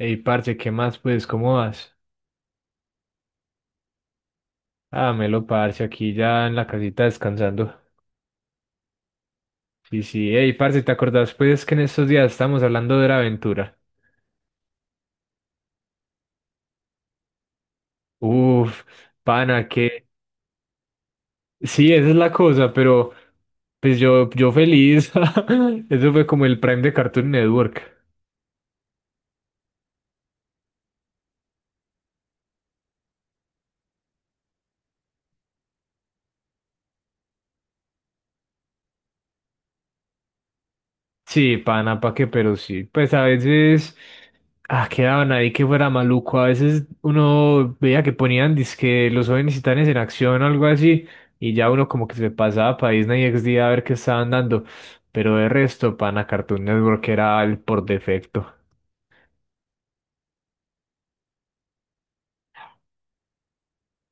Ey, parce, ¿qué más? Pues, ¿cómo vas? Ah, melo, parce, aquí ya en la casita descansando. Sí, sí, ey, parce, ¿te acordás, pues, que en estos días estamos hablando de la aventura? Uf, pana, que... Sí, esa es la cosa, pero, pues, yo feliz. Eso fue como el Prime de Cartoon Network. Sí, pana, pa' qué, pero sí. Pues a veces ah, quedaban ahí que fuera maluco. A veces uno veía que ponían dizque los jóvenes titanes en acción o algo así, y ya uno como que se pasaba para Disney XD a ver qué estaban dando. Pero de resto, pana, Cartoon Network era el por defecto.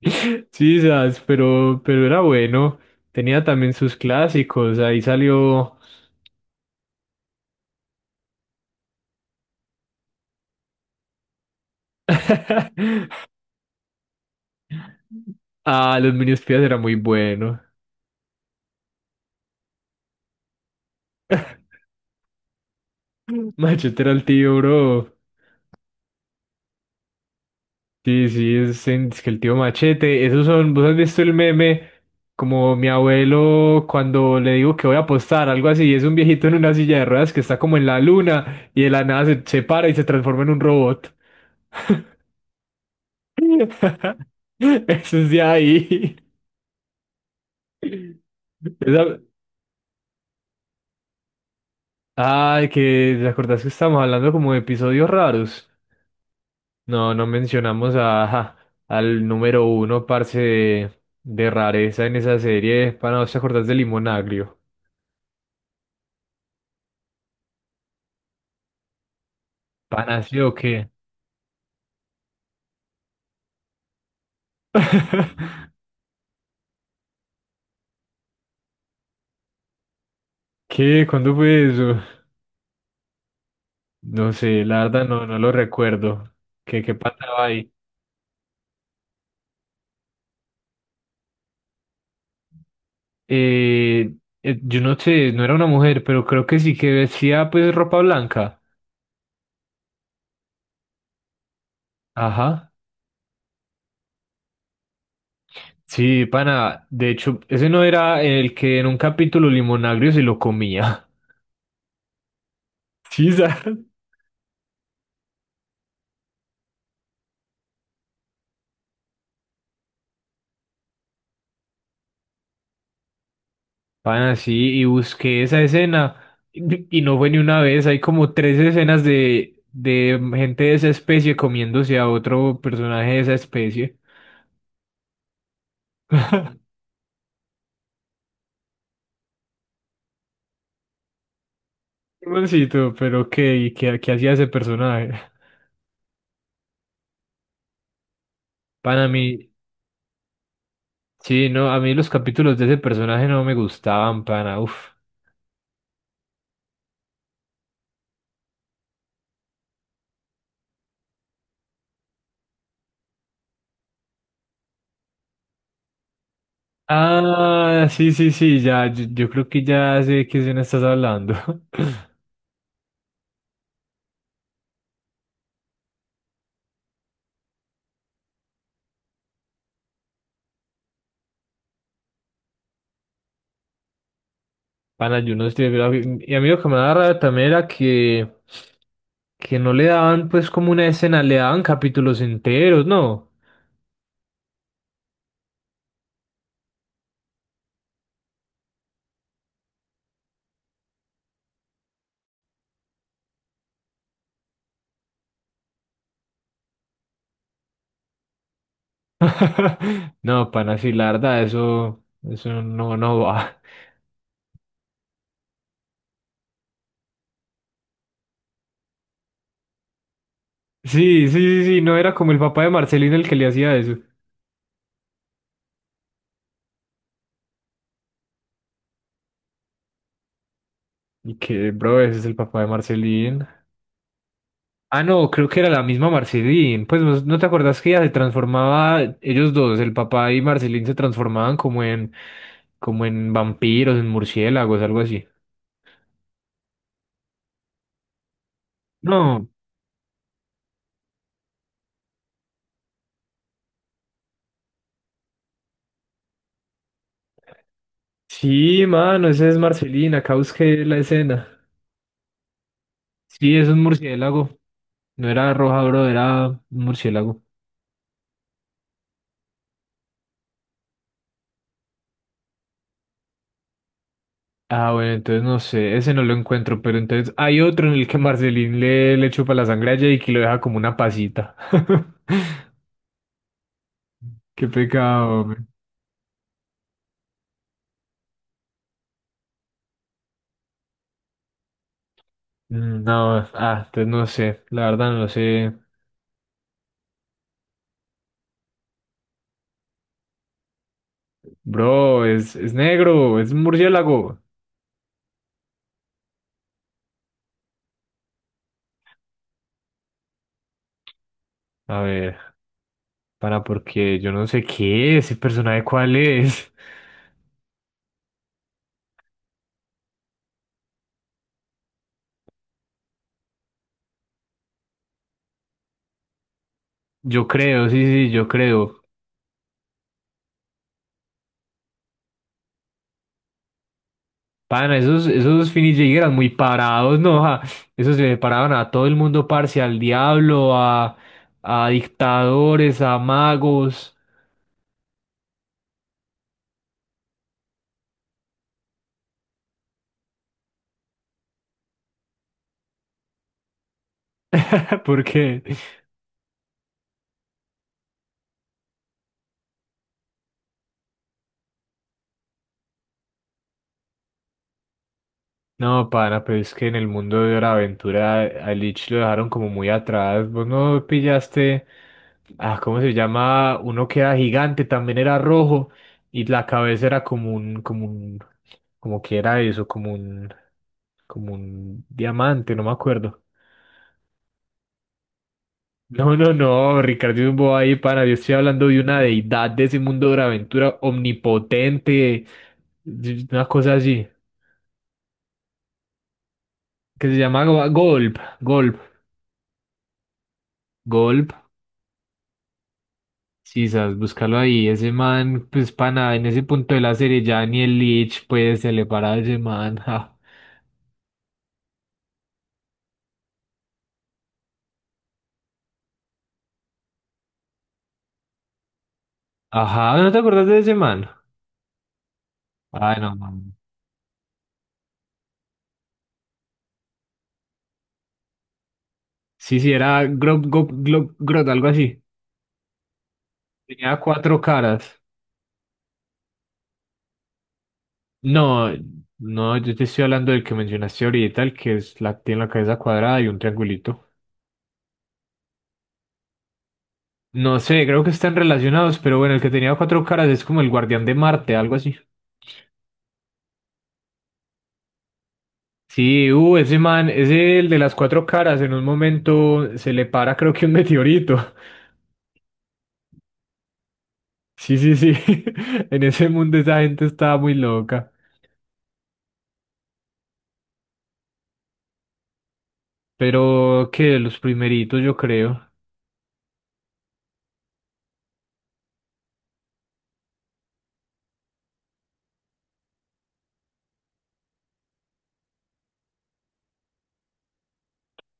Sí, sabes, pero era bueno. Tenía también sus clásicos. Ahí salió. Ah, los Minions Espías era muy bueno. Machete era el tío, bro. Sí, sí, es, en- es que el tío Machete, esos son, vos has visto el meme como mi abuelo cuando le digo que voy a apostar, algo así, es un viejito en una silla de ruedas que está como en la luna y de la nada se para y se transforma en un robot. Eso es de ahí. Esa- Ay, que ¿te acordás que estábamos hablando como de episodios raros? No, no mencionamos a, ajá, al número uno, parce, de rareza en esa serie, para no te acordás de Limón Agrio. ¿Pana sí o qué? ¿Qué? ¿Cuándo fue eso? No sé, la verdad no, no lo recuerdo. ¿Qué, qué pasaba ahí? Eh, yo no sé, no era una mujer, pero creo que sí que vestía pues ropa blanca. Ajá. Sí, pana, de hecho, ese no era el que en un capítulo Limonagrio se lo comía. Sí, ¿sabes? Pana, sí, y busqué esa escena y no fue ni una vez, hay como tres escenas de gente de esa especie comiéndose a otro personaje de esa especie. Hermancito, pero qué, ¿Y qué, qué hacía ese personaje? Pana, a mí, sí, no, a mí los capítulos de ese personaje no me gustaban, pana, uff. Ah, sí, sí, sí, ya, yo creo que ya sé de qué escena estás hablando. Pana, yo no estoy de acuerdo. Y a mí lo que me daba rabia también era que no le daban pues como una escena, le daban capítulos enteros, ¿no? No, pana, sí, la verdad, eso no, no va. Sí, sí, sí, sí, no era como el papá de Marcelín el que le hacía eso. Y que, bro, ese es el papá de Marcelín. Ah, no, creo que era la misma Marcelín. Pues no, ¿no te acuerdas que ella se transformaba, ellos dos, el papá y Marcelín se transformaban como en vampiros, en murciélagos, algo así. No, sí, mano, ese es Marcelina, acá busqué la escena. Sí, es un murciélago. No era roja, bro, era un murciélago. Ah, bueno, entonces no sé, ese no lo encuentro, pero entonces hay otro en el que Marcelín le chupa la sangre a Jake y lo deja como una pasita. Qué pecado, hombre. Mm, no, ah, entonces no sé, la verdad no lo sé. Bro, es negro, es un murciélago. A ver, para porque yo no sé qué es, el personaje cuál es. Yo creo, sí, sí, yo creo. Pana, esos, esos Finis eran muy parados, ¿no? ja. Esos se le paraban a todo el mundo, parce, al diablo, a dictadores, a magos. ¿Por qué? No, pana, pero es que en el mundo de Hora de Aventura a Lich lo dejaron como muy atrás. Vos no pillaste, ah, ¿cómo se llama? Uno que era gigante, también era rojo, y la cabeza era como un, como un, como que era eso, como un diamante, no me acuerdo. No, no, no, Ricardo es un bobo ahí, pana. Yo estoy hablando de una deidad de ese mundo de Hora Aventura omnipotente, una cosa así, que se llama Go- Golp, Golp. Golp. Sí, sabes, búscalo ahí. Ese man, pues para nada, en ese punto de la serie ya ni el Lich, pues se le para a ese man. ja. Ajá, ¿no te acordás de ese man? Ah, no, man. Sí, sí, era Grob, Gob- Glob- Grot, algo así. Tenía cuatro caras. No, no, yo te estoy hablando del que mencionaste ahorita, el que es la, tiene la cabeza cuadrada y un triangulito. No sé, creo que están relacionados, pero bueno, el que tenía cuatro caras es como el guardián de Marte, algo así. Sí, ese man, es el de las cuatro caras, en un momento se le para creo que un meteorito. Sí, sí, sí. En ese mundo esa gente estaba muy loca. Pero que de los primeritos, yo creo.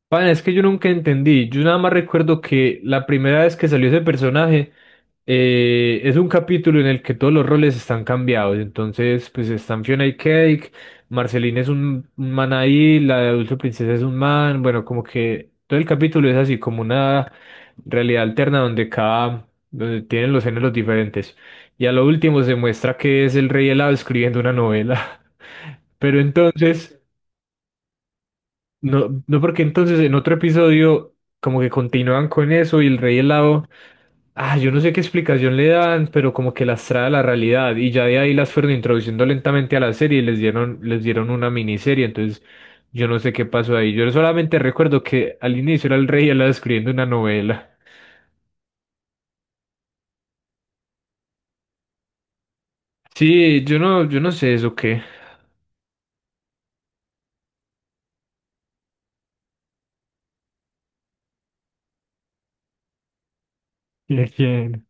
Pana, es que yo nunca entendí. Yo nada más recuerdo que la primera vez que salió ese personaje es un capítulo en el que todos los roles están cambiados. Entonces, pues están Fiona y Cake, Marceline es un man ahí, la de Dulce Princesa es un man. Bueno, como que todo el capítulo es así como una realidad alterna donde cada, donde tienen los géneros diferentes. Y a lo último se muestra que es el rey helado escribiendo una novela. Pero entonces. No, no, porque entonces en otro episodio como que continúan con eso y el rey helado, ah, yo no sé qué explicación le dan, pero como que las trae a la realidad y ya de ahí las fueron introduciendo lentamente a la serie y les dieron una miniserie, entonces yo no sé qué pasó ahí. Yo solamente recuerdo que al inicio era el rey helado escribiendo una novela. Sí, yo no, yo no sé eso qué. ¿Quién? ¿Quién?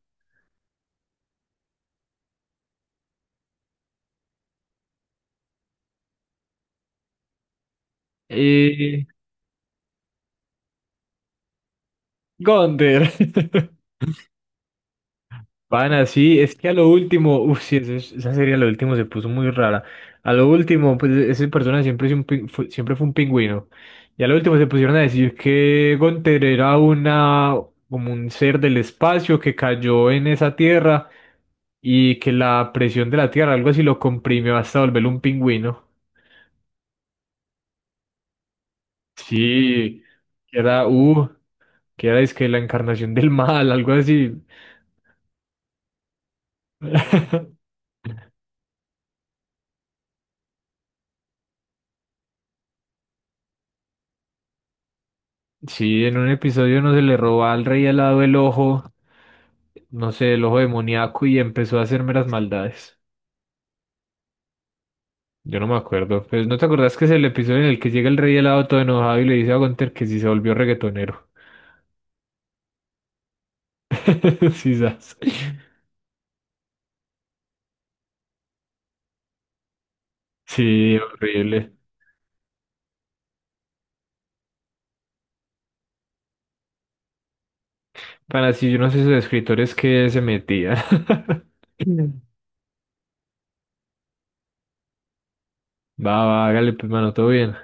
Eh, Gonder. Pana, sí, es que a lo último, uff, sí, esa es- esa serie a lo último se puso muy rara. A lo último, pues e-, ese personaje siempre, es un pin- fue, siempre fue un pingüino. Y a lo último se pusieron a decir que Gunther era una, como un ser del espacio que cayó en esa tierra y que la presión de la tierra, algo así, lo comprimió hasta volverlo un pingüino. Sí, que era, uh, que era es que la encarnación del mal, algo así. Sí, en un episodio no se le robó al rey al lado el ojo. No sé, el ojo demoníaco y empezó a hacerme las maldades. Yo no me acuerdo. Pues no te acordás que es el episodio en el que llega el rey helado todo enojado y le dice a Gunther que si se volvió reggaetonero. Sí, sas. Sí, horrible. Para si yo no sé esos escritores que se metían. Va, va, hágale, pues, mano, todo bien.